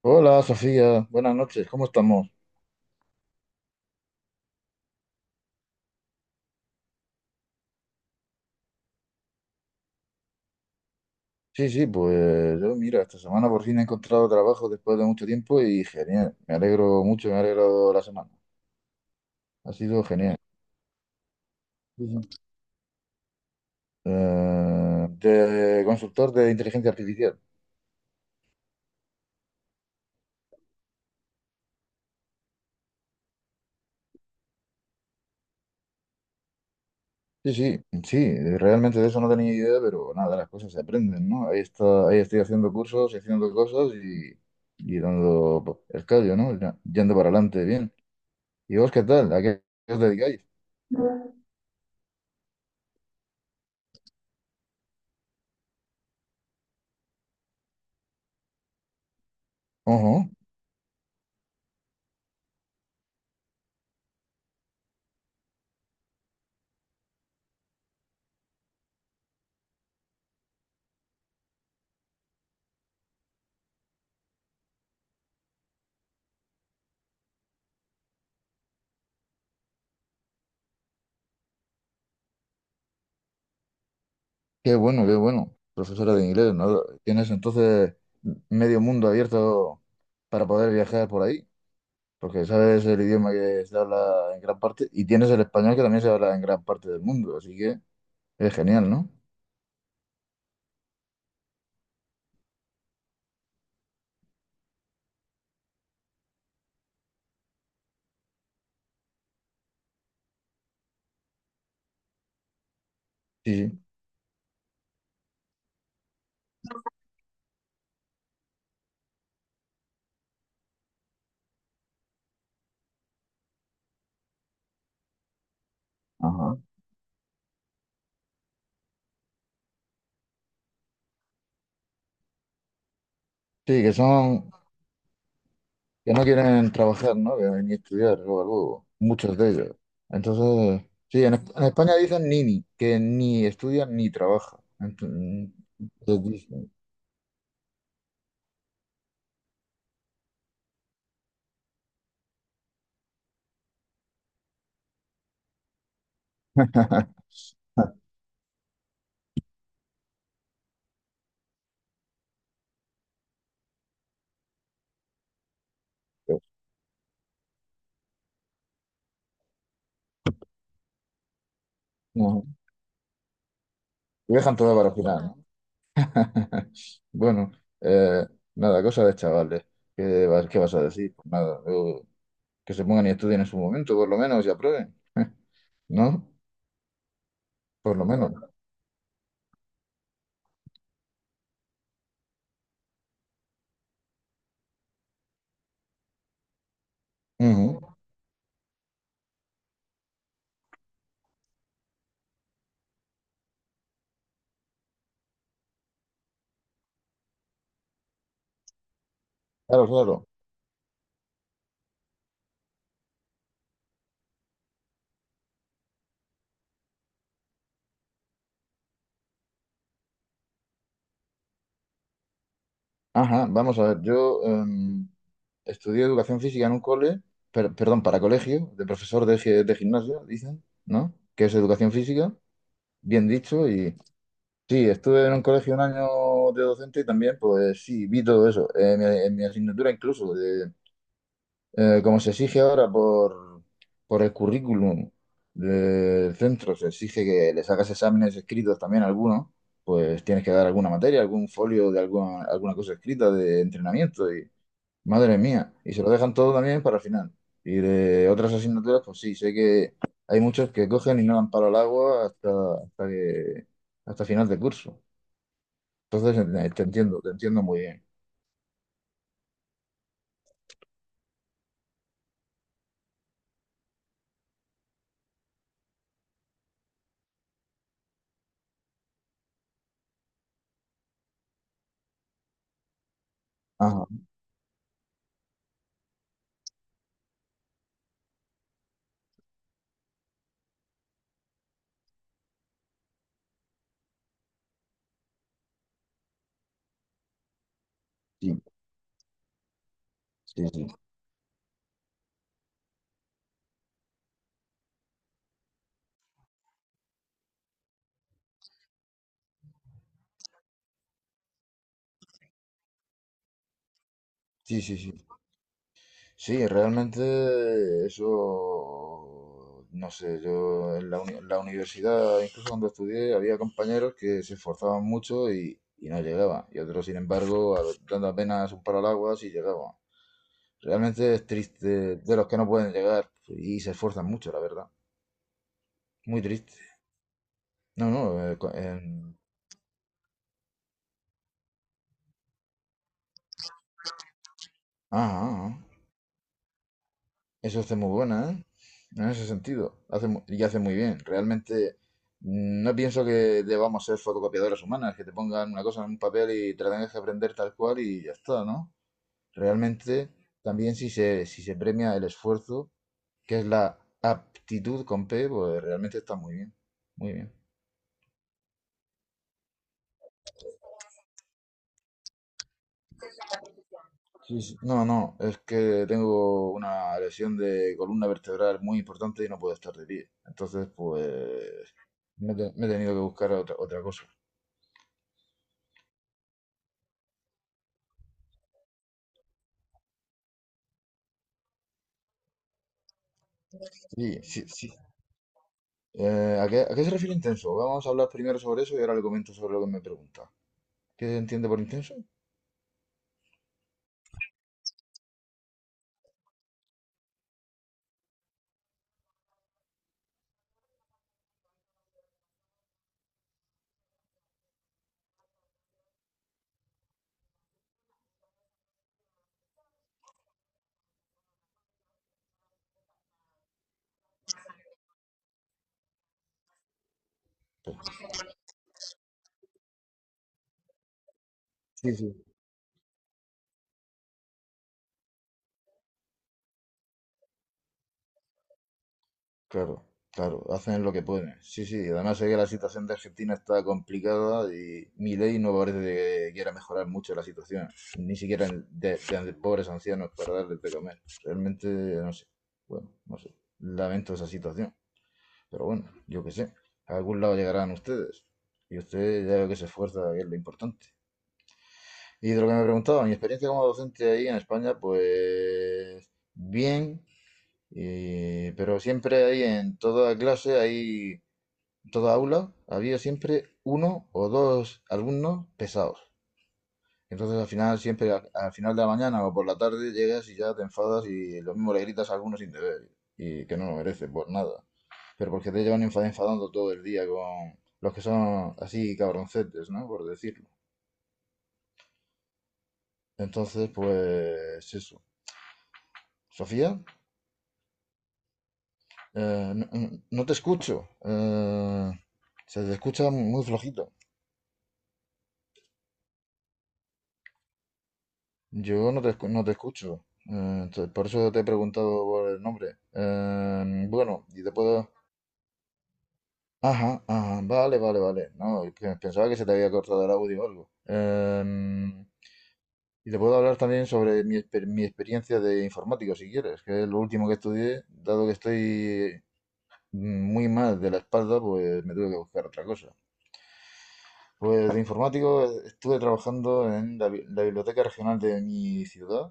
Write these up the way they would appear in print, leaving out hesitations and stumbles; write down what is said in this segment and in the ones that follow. Hola Sofía, buenas noches, ¿cómo estamos? Sí, sí, pues yo mira, esta semana por fin he encontrado trabajo después de mucho tiempo y genial, me alegro mucho, me ha alegrado la semana, ha sido genial. Sí, sí. De consultor de inteligencia artificial. Sí, sí, sí, realmente de eso no tenía idea, pero nada, las cosas se aprenden, ¿no? Ahí está, ahí estoy haciendo cursos, y haciendo cosas y dando pues, el callo, ¿no? Yendo para adelante, bien. ¿Y vos qué tal? ¿A qué os dedicáis? Ajá. Qué bueno, qué bueno. Profesora de inglés, ¿no? Tienes entonces medio mundo abierto para poder viajar por ahí, porque sabes el idioma que se habla en gran parte y tienes el español que también se habla en gran parte del mundo, así que es genial, ¿no? Sí, sí. Ajá. Sí, que son, que no quieren trabajar, ¿no? Que ni estudiar, luego, luego, muchos de ellos. Entonces, sí, en España dicen nini, que ni estudian ni trabajan. Entonces, dicen, pues, no, lo dejan todo para el final, ¿no? Bueno, eh, nada, cosa de chavales. ¿Qué, qué vas a decir? Pues nada, yo- que se pongan y estudien en su momento, por lo menos, y aprueben, ¿no? Por lo menos. Ujú. Claro, claro. Ajá, vamos a ver, yo estudié educación física en un cole, perdón, para colegio, de profesor de, de gimnasio, dicen, ¿no? Que es educación física, bien dicho, y sí, estuve en un colegio un año de docente y también, pues sí, vi todo eso, en mi asignatura incluso, como se exige ahora por el currículum del centro, se exige que le sacas exámenes escritos también algunos, pues tienes que dar alguna materia, algún folio de alguna, alguna cosa escrita de entrenamiento y madre mía, y se lo dejan todo también para el final. Y de otras asignaturas, pues sí, sé que hay muchos que cogen y no dan palo al agua hasta, hasta que hasta final de curso. Entonces te entiendo muy bien. Ajá, sí, sí, sí, sí, sí. Sí, realmente eso, no sé, yo en la, en la universidad, incluso cuando estudié, había compañeros que se esforzaban mucho y no llegaban, y otros, sin embargo, a- dando apenas un palo al agua, sí llegaban. Realmente es triste de los que no pueden llegar y se esfuerzan mucho, la verdad. Muy triste. No, no, en- ajá, eso hace muy buena, ¿eh? En ese sentido. Y hace muy bien. Realmente no pienso que debamos ser fotocopiadoras humanas, que te pongan una cosa en un papel y te la tengas que aprender tal cual y ya está, ¿no? Realmente también si se premia el esfuerzo, que es la aptitud con P, pues realmente está muy bien. Muy bien. Sí, sí. No, no, es que tengo una lesión de columna vertebral muy importante y no puedo estar de pie. Entonces, pues me he tenido que buscar otra, otra cosa. Sí, sí, sí. ¿A qué, a qué se refiere intenso? Vamos a hablar primero sobre eso y ahora le comento sobre lo que me pregunta. ¿Qué se entiende por intenso? Pues, sí, sí, claro, claro, hacen lo que pueden. Sí, sí, y además sé que la situación de Argentina está complicada y mi ley no parece que quiera mejorar mucho la situación, ni siquiera pobres ancianos para darles de comer. Realmente, no sé, bueno, no sé, lamento esa situación, pero bueno, yo qué sé, a algún lado llegarán ustedes y usted ya veo que se esfuerza, que es lo importante. Y de lo que me preguntaba, mi experiencia como docente ahí en España, pues bien, y- pero siempre hay en toda clase, hay en toda aula, había siempre uno o dos alumnos pesados. Entonces al final, siempre al final de la mañana o por la tarde llegas y ya te enfadas y lo mismo le gritas a alguno sin deber y que no lo merece por nada. Pero porque te llevan enfadando todo el día con los que son así cabroncetes, ¿no? Por decirlo. Entonces, pues eso. Sofía. No, no te escucho. Se te escucha muy flojito. Yo no te no te escucho. Eh, entonces, por eso te he preguntado por el nombre. Bueno, y te puedo... Ajá, ajá, vale, vale, vale. No, es que pensaba que se te había cortado el audio o algo. Y te puedo hablar también sobre mi, mi experiencia de informático, si quieres, que es lo último que estudié, dado que estoy muy mal de la espalda, pues me tuve que buscar otra cosa. Pues de informático estuve trabajando en la, la biblioteca regional de mi ciudad,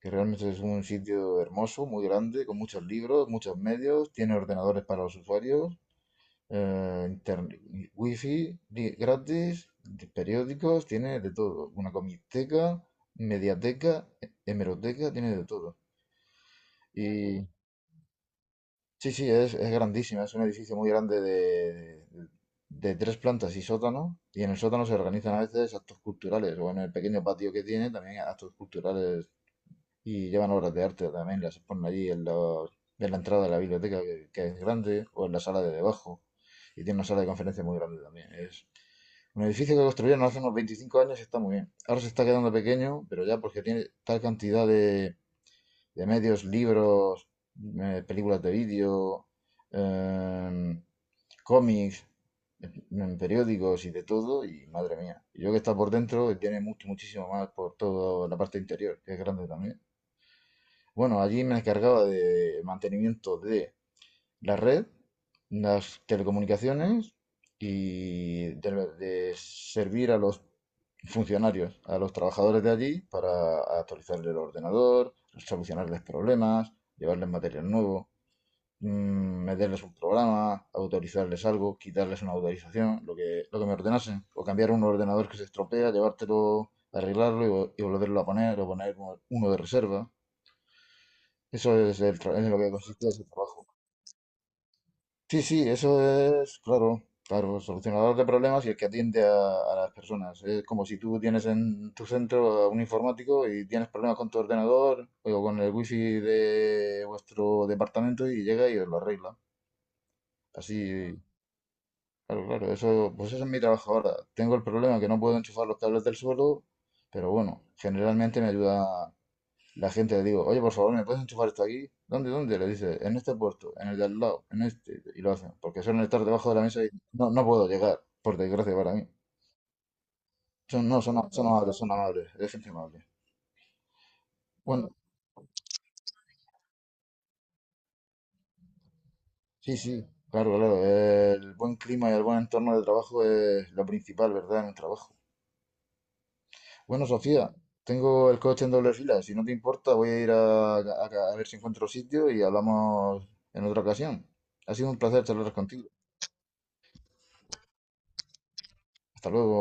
que realmente es un sitio hermoso, muy grande, con muchos libros, muchos medios, tiene ordenadores para los usuarios, eh, interne- wifi gratis, de periódicos, tiene de todo. Una comiteca, mediateca, hemeroteca, tiene de todo. Sí, sí, es grandísima, es un edificio muy grande de tres plantas y sótano, y en el sótano se organizan a veces actos culturales, o en el pequeño patio que tiene también actos culturales y llevan obras de arte también, las ponen allí en, los- en la entrada de la biblioteca, que es grande, o en la sala de debajo, y tiene una sala de conferencia muy grande también. Es un edificio que construyeron hace unos 25 años y está muy bien. Ahora se está quedando pequeño, pero ya porque tiene tal cantidad de medios, libros, películas de vídeo, em, cómics, periódicos y de todo, y madre mía. Y yo que está por dentro, tiene mucho, muchísimo más por toda la parte interior, que es grande también. Bueno, allí me encargaba de mantenimiento de la red, las telecomunicaciones y de servir a los funcionarios, a los trabajadores de allí para actualizarles el ordenador, solucionarles problemas, llevarles material nuevo, mm, meterles un programa, autorizarles algo, quitarles una autorización, lo que me ordenase, o cambiar un ordenador que se estropea, llevártelo, arreglarlo y volverlo a poner, o poner uno de reserva. Eso es, el es lo que consiste ese trabajo. Sí, sí, eso es, claro, claro, solucionador de problemas y el que atiende a las personas. Es como si tú tienes en tu centro a un informático y tienes problemas con tu ordenador o con el wifi de vuestro departamento y llega y os lo arregla. Así, claro, claro, eso, pues eso es mi trabajo ahora. Tengo el problema que no puedo enchufar los cables del suelo, pero bueno, generalmente me ayuda, la gente le digo, oye, por favor, ¿me puedes enchufar esto aquí? ¿Dónde, dónde? Le dice, en este puerto, en el de al lado, en este. Y lo hacen, porque suelen estar debajo de la mesa y no, no puedo llegar, por desgracia para mí. Son, no, son, son amables, es gente amable. Bueno, sí, sí, claro, claro. El buen clima y el buen entorno de trabajo es lo principal, ¿verdad? En un trabajo. Bueno, Sofía, tengo el coche en doble fila. Si no te importa, voy a ir a, a ver si encuentro sitio y hablamos en otra ocasión. Ha sido un placer charlar contigo. Hasta luego.